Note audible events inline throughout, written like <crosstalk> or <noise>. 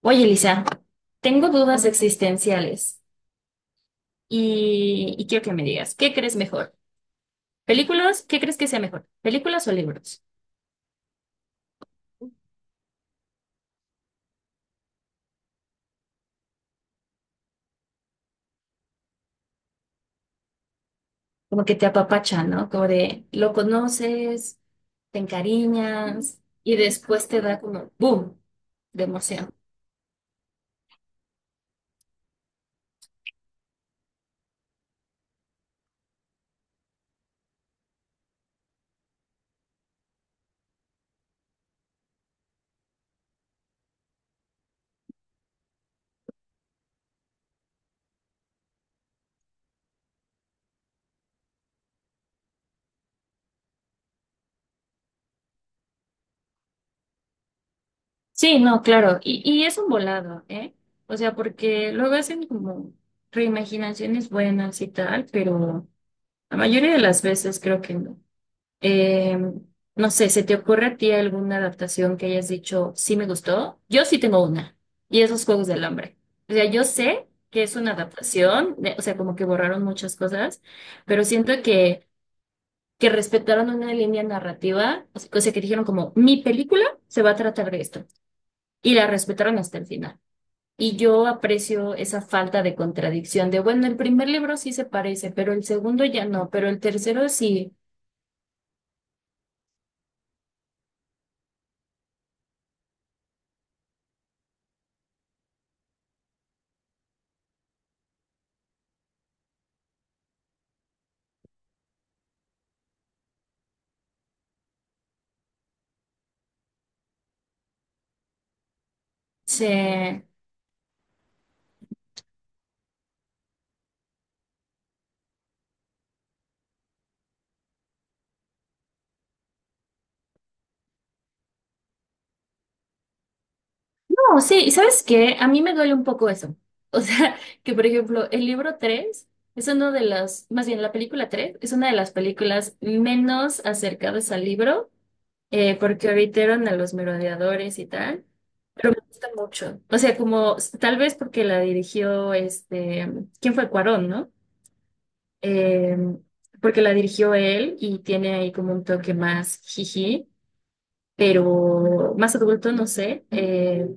Oye, Elisa, tengo dudas existenciales y quiero que me digas, ¿qué crees mejor? ¿Películas? ¿Qué crees que sea mejor? ¿Películas o libros? Como que te apapachan, ¿no? Como de lo conoces, te encariñas y después te da como boom de emoción. Sí, no, claro, y es un volado, ¿eh? O sea, porque luego hacen como reimaginaciones buenas y tal, pero la mayoría de las veces creo que no. Eh, no sé, ¿se te ocurre a ti alguna adaptación que hayas dicho, sí me gustó? Yo sí tengo una, y esos Juegos del Hambre. O sea, yo sé que es una adaptación, o sea, como que borraron muchas cosas, pero siento que respetaron una línea narrativa, o sea, cosa que dijeron como, mi película se va a tratar de esto, y la respetaron hasta el final. Y yo aprecio esa falta de contradicción de, bueno, el primer libro sí se parece, pero el segundo ya no, pero el tercero sí se... No, sí, ¿y sabes qué? A mí me duele un poco eso. O sea, <laughs> que por ejemplo, el libro 3 es uno de las, más bien la película 3 es una de las películas menos acercadas al libro, porque evitaron a los merodeadores y tal, pero me gusta mucho. O sea, como tal vez porque la dirigió este, ¿quién fue Cuarón, no? Eh, Porque la dirigió él y tiene ahí como un toque más jiji, pero más adulto, no sé.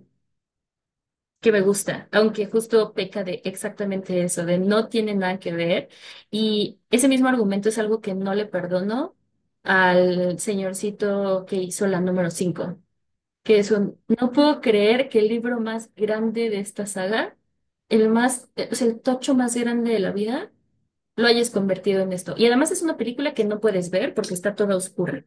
Que me gusta, aunque justo peca de exactamente eso, de no tiene nada que ver. Y ese mismo argumento es algo que no le perdono al señorcito que hizo la número cinco, que es un, no puedo creer que el libro más grande de esta saga, el más, o sea, el tocho más grande de la vida, lo hayas convertido en esto. Y además es una película que no puedes ver porque está toda oscura.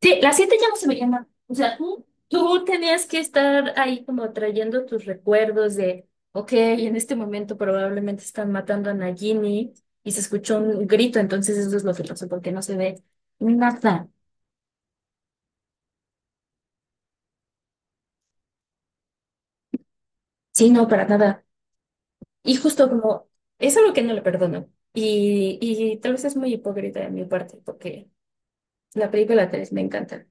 Sí, las siete ya no se veía nada. O sea, tú tenías que estar ahí como trayendo tus recuerdos de, ok, en este momento probablemente están matando a Nagini y se escuchó un grito, entonces eso es lo que pasó, porque no se ve nada. Sí, no, para nada. Y justo como, es algo que no le perdono. Y tal vez es muy hipócrita de mi parte, porque la película 3 me encanta.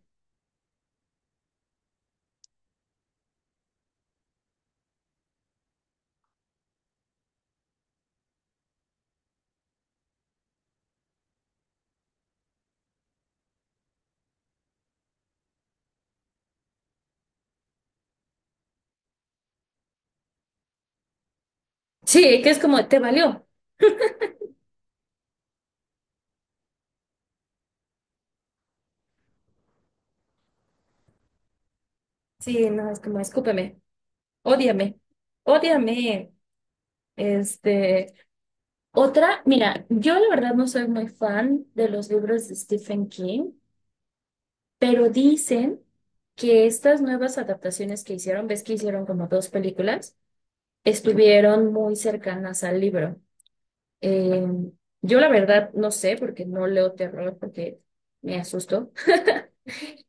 Sí, que es como, te valió. Sí, no, es como, escúpeme, ódiame, ódiame. Este, Otra, mira, yo la verdad no soy muy fan de los libros de Stephen King, pero dicen que estas nuevas adaptaciones que hicieron, ves que hicieron como dos películas, estuvieron muy cercanas al libro. Eh, yo la verdad no sé porque no leo terror porque me asusto. <laughs>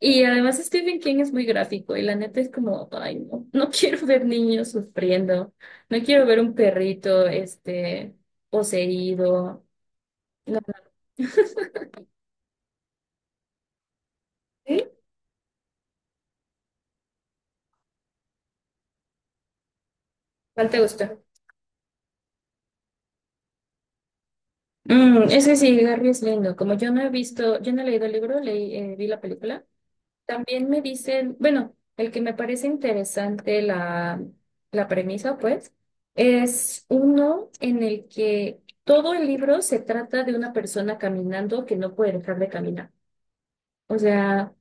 Y además Stephen King es muy gráfico y la neta es como, ay, no, no <laughs> quiero ver niños sufriendo, no quiero ver un perrito, poseído. No, ¿sí? ¿Cuál te gustó? Mm, es que sí, Garry es lindo. Como yo no he visto, yo no he leído el libro, leí, vi la película. También me dicen, bueno, el que me parece interesante la, la premisa, pues, es uno en el que todo el libro se trata de una persona caminando que no puede dejar de caminar. O sea,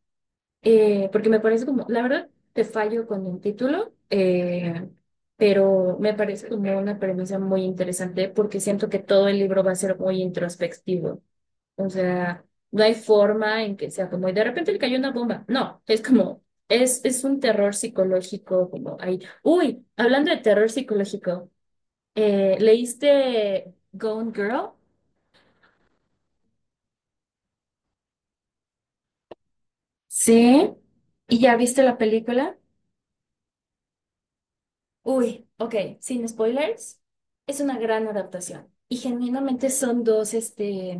porque me parece como, la verdad, te fallo con el título, pero me parece como una premisa muy interesante porque siento que todo el libro va a ser muy introspectivo. O sea, no hay forma en que sea como, y de repente le cayó una bomba. No, es como, es un terror psicológico, como ahí. Uy, hablando de terror psicológico, ¿leíste Gone Girl? Sí. ¿Y ya viste la película? Uy, ok, sin spoilers, es una gran adaptación. Y genuinamente son dos,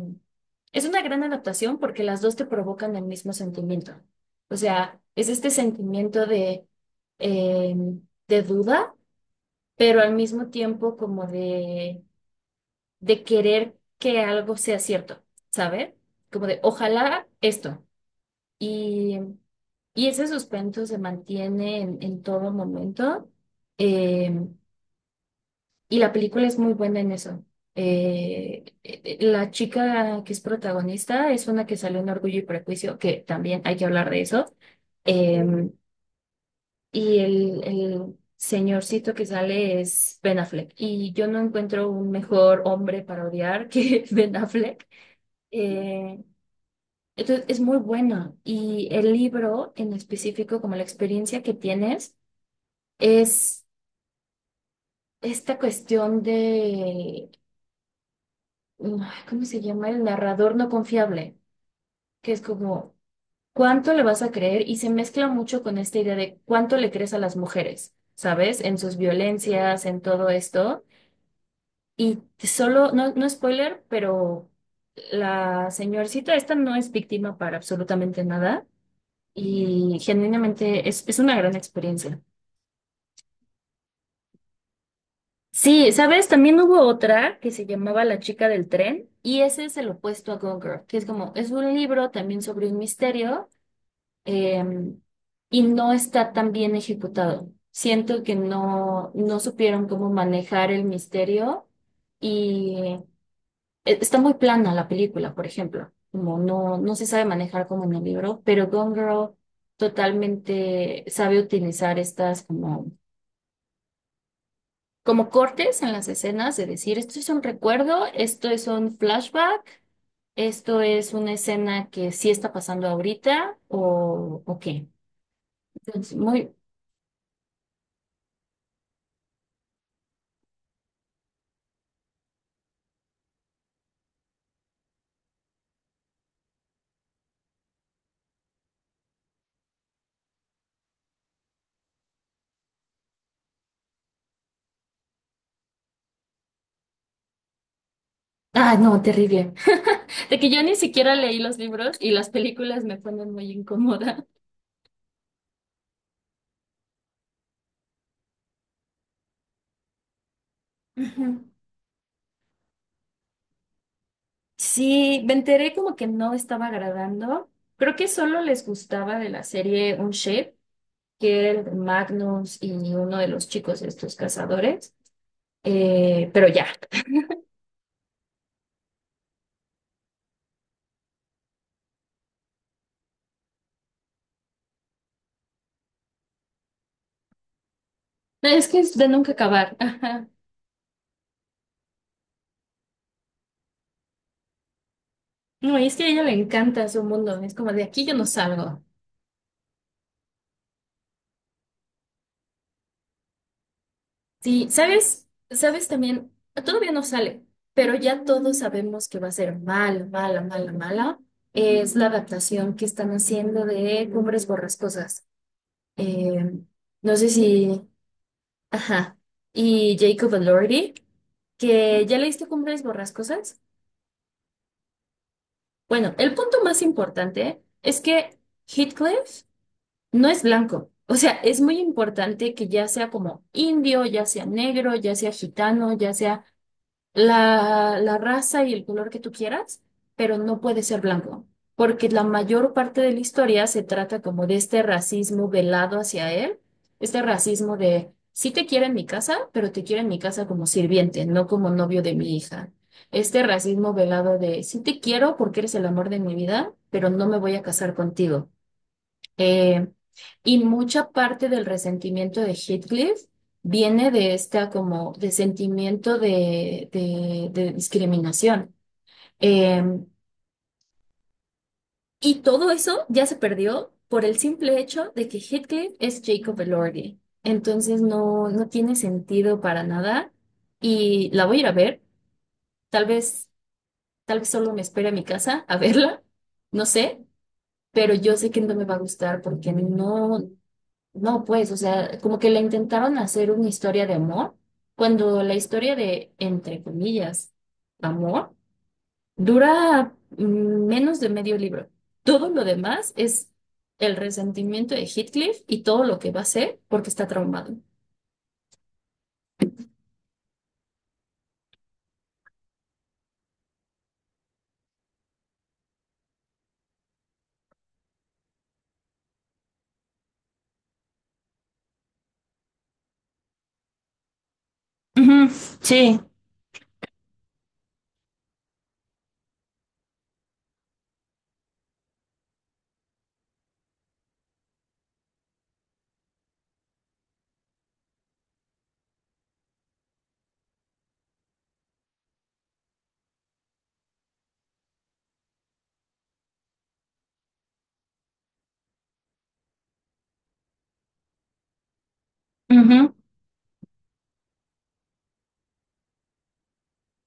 es una gran adaptación porque las dos te provocan el mismo sentimiento. O sea, es este sentimiento eh, de duda, pero al mismo tiempo como de querer que algo sea cierto, ¿sabe? Como de, ojalá esto. Y, y ese suspenso se mantiene en todo momento. Em, Y la película es muy buena en eso. La chica que es protagonista es una que salió en Orgullo y Prejuicio, que también hay que hablar de eso. Eh, y el señorcito que sale es Ben Affleck. Y yo no encuentro un mejor hombre para odiar que <laughs> Ben Affleck. Eh, entonces es muy bueno. Y el libro en específico, como la experiencia que tienes, es esta cuestión de ay, ¿cómo se llama? El narrador no confiable, que es como, ¿cuánto le vas a creer? Y se mezcla mucho con esta idea de cuánto le crees a las mujeres, ¿sabes? En sus violencias, en todo esto. Y solo, no, no spoiler, pero la señorcita esta no es víctima para absolutamente nada y genuinamente es una gran experiencia. Sí, ¿sabes? También hubo otra que se llamaba La chica del tren y ese es el opuesto a Gone Girl, que es como, es un libro también sobre un misterio eh, y no está tan bien ejecutado. Siento que no, no supieron cómo manejar el misterio y está muy plana la película, por ejemplo. Como no, no se sabe manejar como en el libro, pero Gone Girl totalmente sabe utilizar estas como, como cortes en las escenas, de decir, esto es un recuerdo, esto es un flashback, esto es una escena que sí está pasando ahorita o qué. Entonces, muy, Ah, no, terrible. De que yo ni siquiera leí los libros y las películas me ponen muy incómoda. Ujú. Sí, me enteré como que no estaba agradando. Creo que solo les gustaba de la serie Un Shape, que era de Magnus y uno de los chicos estos cazadores. Pero ya, no, es que es de nunca acabar. Ajá. No, y es que a ella le encanta su mundo. Es como de aquí yo no salgo. Sí, ¿sabes? ¿Sabes también? Todavía no sale, pero ya todos sabemos que va a ser mala, mala, mala, mala. Es la adaptación que están haciendo de Cumbres Borrascosas. Eh, no sé si... Ajá. Y Jacob Elordi, que ya leíste Cumbres Borrascosas. Bueno, el punto más importante es que Heathcliff no es blanco. O sea, es muy importante que ya sea como indio, ya sea negro, ya sea gitano, ya sea la, la raza y el color que tú quieras, pero no puede ser blanco, porque la mayor parte de la historia se trata como de este racismo velado hacia él, este racismo de, sí te quiero en mi casa, pero te quiero en mi casa como sirviente, no como novio de mi hija. Este racismo velado de, sí te quiero porque eres el amor de mi vida, pero no me voy a casar contigo. Eh, y mucha parte del resentimiento de Heathcliff viene de esta como de sentimiento de, de discriminación. Eh, y todo eso ya se perdió por el simple hecho de que Heathcliff es Jacob Elordi. Entonces no, no tiene sentido para nada. Y la voy a ir a ver. Tal vez, tal vez solo me espere a mi casa a <laughs> verla. No sé. Pero yo sé que no me va a gustar porque no. No, pues, o sea, como que le intentaron hacer una historia de amor, cuando la historia de, entre comillas, amor, dura menos de medio libro. Todo lo demás es el resentimiento de Heathcliff y todo lo que va a ser porque está traumado. Ujú, sí, ujú,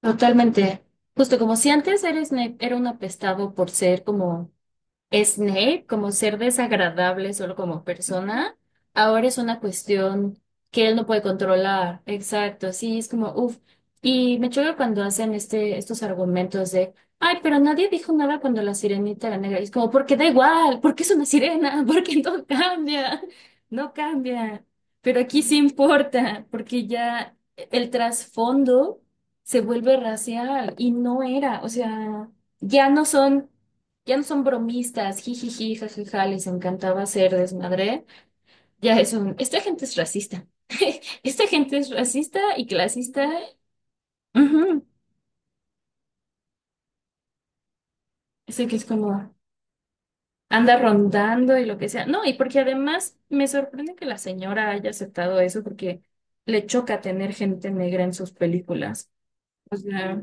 totalmente. Justo como si antes eres era un apestado por ser como Snape como ser desagradable solo como persona, ahora es una cuestión que él no puede controlar. Exacto, sí, es como, uff. Y me choca cuando hacen este, estos argumentos de, ay, pero nadie dijo nada cuando la sirenita era negra. Y es como, porque da igual, porque es una sirena, <laughs> porque no cambia, no cambia. Pero aquí sí importa, porque ya el trasfondo se vuelve racial y no era, o sea, ya no son. Ya no son bromistas, jijiji, jajaja, les encantaba hacer desmadre. Ya es un, esta gente es racista. <laughs> Esta gente es racista y clasista. Ujú. Ese que es como anda rondando y lo que sea. No, y porque además me sorprende que la señora haya aceptado eso porque le choca tener gente negra en sus películas. O sea,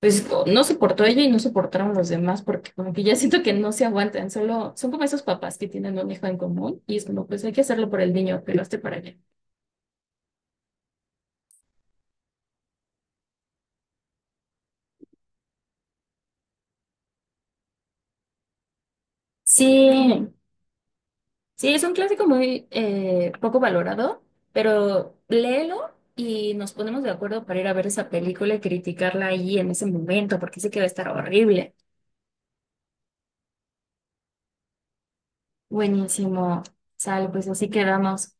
pues no soportó ella y no soportaron los demás porque como que ya siento que no se aguantan, solo son como esos papás que tienen un hijo en común y es como, pues hay que hacerlo por el niño, que lo esté para allá. Sí, sí, es un clásico muy poco valorado, pero léelo y nos ponemos de acuerdo para ir a ver esa película y criticarla ahí en ese momento, porque sé que va a estar horrible. Buenísimo. Sale, pues así quedamos.